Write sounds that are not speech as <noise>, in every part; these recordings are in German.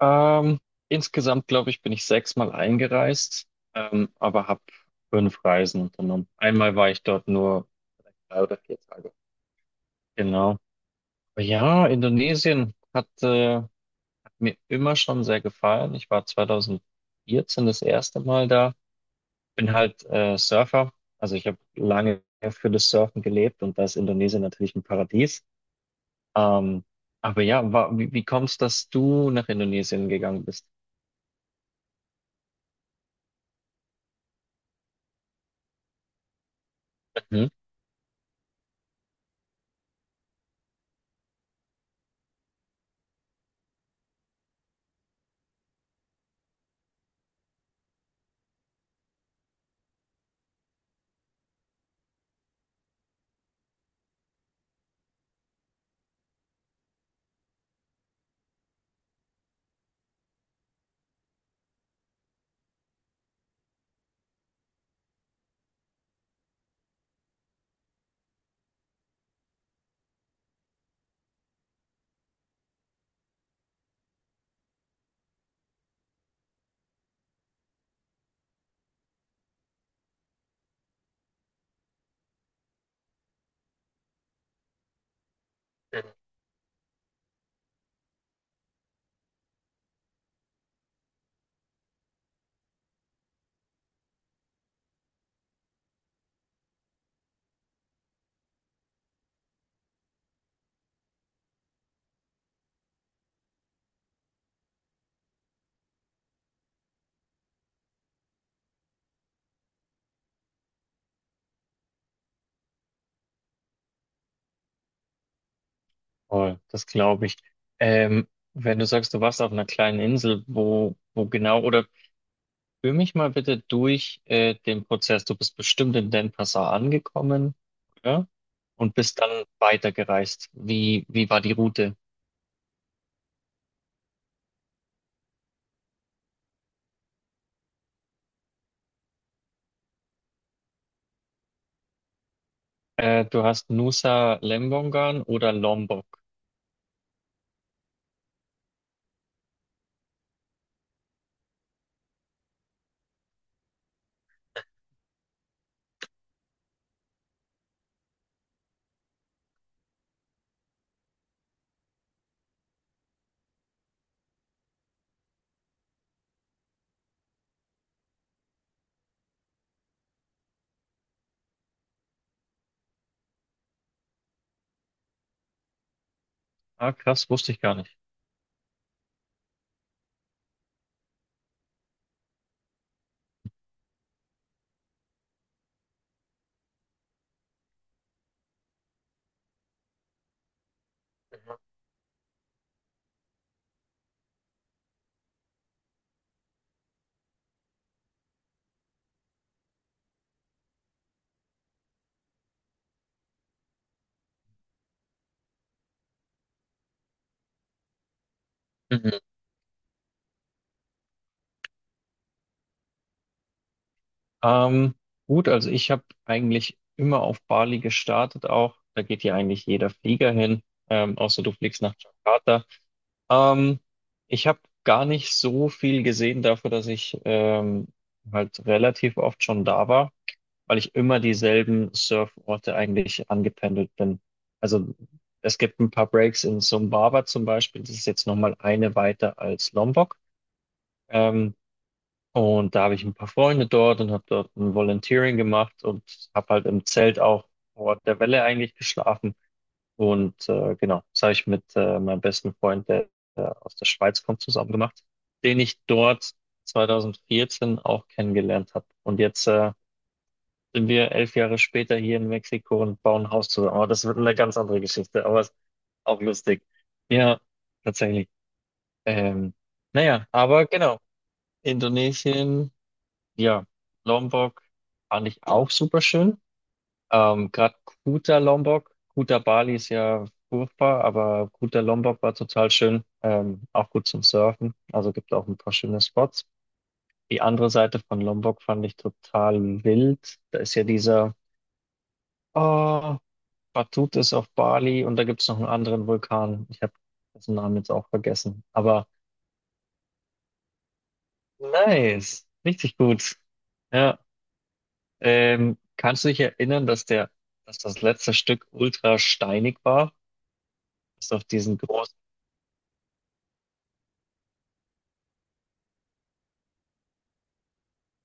Ähm, Insgesamt, glaube ich, bin ich sechsmal eingereist, aber habe fünf Reisen unternommen. Einmal war ich dort nur 3 oder 4 Tage. Genau. Ja, Indonesien hat mir immer schon sehr gefallen. Ich war 2014 das erste Mal da. Bin halt Surfer. Also ich habe lange für das Surfen gelebt und da ist Indonesien natürlich ein Paradies. Ähm, aber ja, wie kommst dass du nach Indonesien gegangen bist? Mhm. Voll, das glaube ich. Ähm, Wenn du sagst, du warst auf einer kleinen Insel, wo genau, oder führ mich mal bitte durch den Prozess. Du bist bestimmt in Denpasar angekommen, oder? Und bist dann weitergereist. Wie war die Route? Du hast Nusa Lembongan oder Lombok. Ah, krass, wusste ich gar nicht. Mhm. Ähm, gut, also ich habe eigentlich immer auf Bali gestartet auch. Da geht ja eigentlich jeder Flieger hin, außer du fliegst nach Jakarta. Ähm, Ich habe gar nicht so viel gesehen dafür, dass ich halt relativ oft schon da war, weil ich immer dieselben Surforte eigentlich angependelt bin. Also es gibt ein paar Breaks in Sumbawa zum Beispiel, das ist jetzt nochmal eine weiter als Lombok. Ähm, und da habe ich ein paar Freunde dort und habe dort ein Volunteering gemacht und habe halt im Zelt auch vor Ort der Welle eigentlich geschlafen. Und genau, das habe ich mit meinem besten Freund, der aus der Schweiz kommt, zusammen gemacht, den ich dort 2014 auch kennengelernt habe. Und jetzt sind wir 11 Jahre später hier in Mexiko und bauen ein Haus zusammen. Aber das wird eine ganz andere Geschichte, aber ist auch lustig. Ja, tatsächlich. Ähm, naja, aber genau, Indonesien, ja, Lombok fand ich auch super schön. Gerade Kuta Lombok, Kuta Bali ist ja furchtbar, aber Kuta Lombok war total schön, auch gut zum Surfen. Also gibt auch ein paar schöne Spots. Die andere Seite von Lombok fand ich total wild. Da ist ja oh, Batut ist auf Bali und da gibt es noch einen anderen Vulkan. Ich habe dessen Namen jetzt auch vergessen. Aber nice, richtig gut. Ja, kannst du dich erinnern, dass das letzte Stück ultra steinig war? Bis auf diesen großen.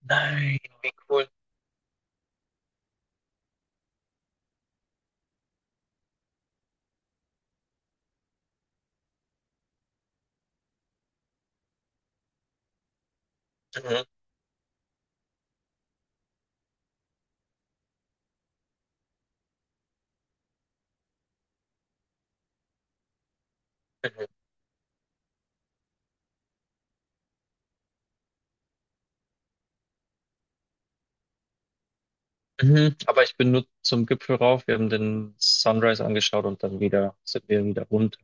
Nein, wie cool. Mhm. Mhm. Mhm. Aber ich bin nur zum Gipfel rauf. Wir haben den Sunrise angeschaut und dann wieder sind wir wieder runter.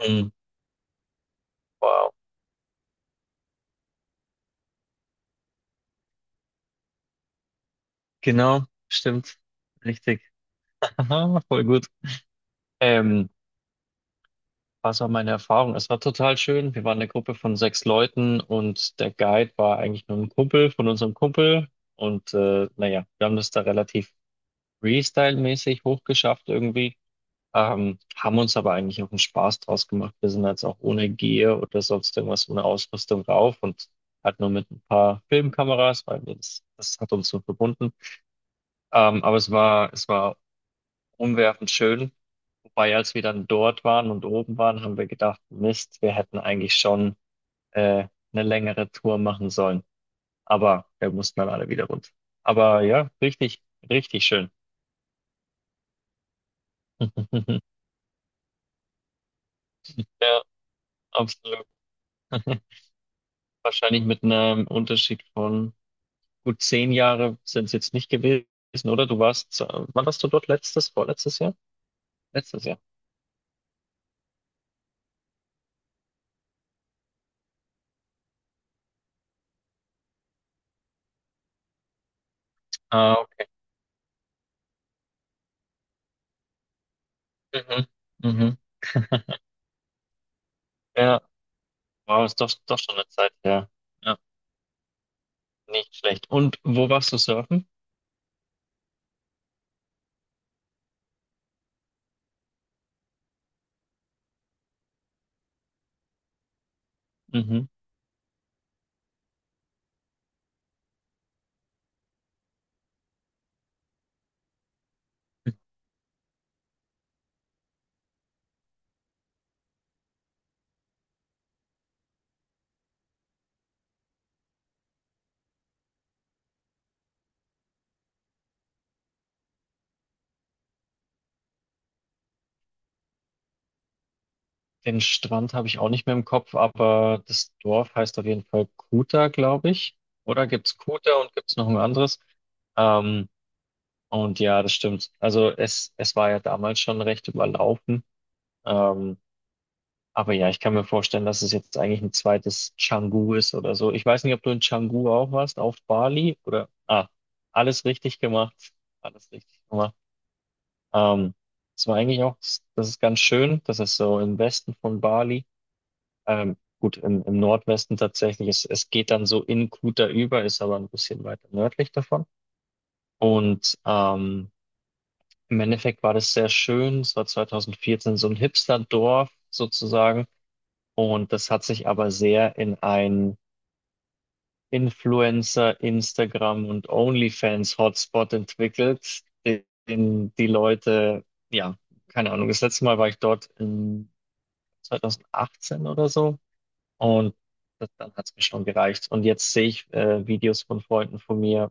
Mhm. Wow. Genau, stimmt. Richtig. Aha, voll gut. Ähm, Was war meine Erfahrung? Es war total schön. Wir waren eine Gruppe von sechs Leuten und der Guide war eigentlich nur ein Kumpel von unserem Kumpel. Und naja, wir haben das da relativ Freestyle-mäßig hochgeschafft irgendwie. Haben uns aber eigentlich auch einen Spaß draus gemacht. Wir sind jetzt auch ohne Gear oder sonst irgendwas ohne Ausrüstung rauf und halt nur mit ein paar Filmkameras, weil wir das hat uns so verbunden. Aber es war umwerfend schön. Wobei, als wir dann dort waren und oben waren, haben wir gedacht, Mist, wir hätten eigentlich schon eine längere Tour machen sollen. Aber wir mussten dann alle wieder runter. Aber ja, richtig, richtig schön. <laughs> Ja, absolut. <laughs> Wahrscheinlich mit einem Unterschied von. Gut, 10 Jahre sind es jetzt nicht gewesen, oder? Wann warst du dort letztes, vorletztes Jahr? Letztes Jahr. Ah, okay. Mhm. Mhm. Ja, wow, ist doch schon eine Zeit her. Ja, nicht schlecht. Und wo warst du surfen? Mhm. Den Strand habe ich auch nicht mehr im Kopf, aber das Dorf heißt auf jeden Fall Kuta, glaube ich. Oder gibt's Kuta und gibt's noch ein anderes? Ähm, und ja, das stimmt. Also es war ja damals schon recht überlaufen. Ähm, Aber ja, ich kann mir vorstellen, dass es jetzt eigentlich ein zweites Canggu ist oder so. Ich weiß nicht, ob du in Canggu auch warst, auf Bali oder. Ah, alles richtig gemacht. Alles richtig gemacht. Ähm, Es war eigentlich auch, das ist ganz schön. Das ist so im Westen von Bali. Gut, im Nordwesten tatsächlich. Es geht dann so in Kuta über, ist aber ein bisschen weiter nördlich davon. Und im Endeffekt war das sehr schön. Es war 2014 so ein Hipster-Dorf sozusagen. Und das hat sich aber sehr in ein Influencer, Instagram und OnlyFans-Hotspot entwickelt, den die Leute, ja, keine Ahnung, das letzte Mal war ich dort in 2018 oder so und das, dann hat es mir schon gereicht. Und jetzt sehe ich Videos von Freunden von mir,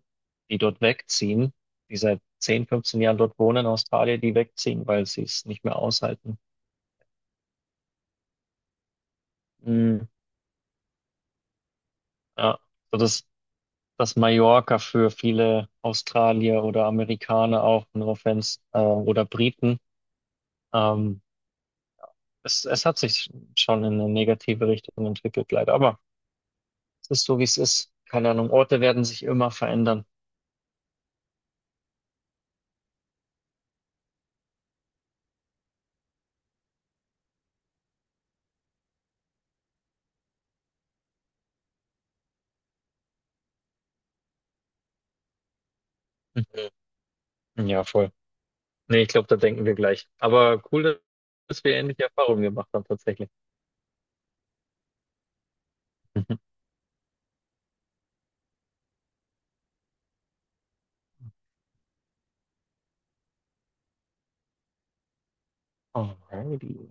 die dort wegziehen, die seit 10, 15 Jahren dort wohnen in Australien, die wegziehen, weil sie es nicht mehr aushalten. Mm, ja, so das dass Mallorca für viele Australier oder Amerikaner auch, no offense, oder Briten, ähm, es hat sich schon in eine negative Richtung entwickelt, leider. Aber es ist so, wie es ist. Keine Ahnung, Orte werden sich immer verändern. Mhm. Ja, voll. Nee, ich glaube, da denken wir gleich. Aber cool, dass wir ähnliche Erfahrungen gemacht haben, tatsächlich. <laughs> Alrighty.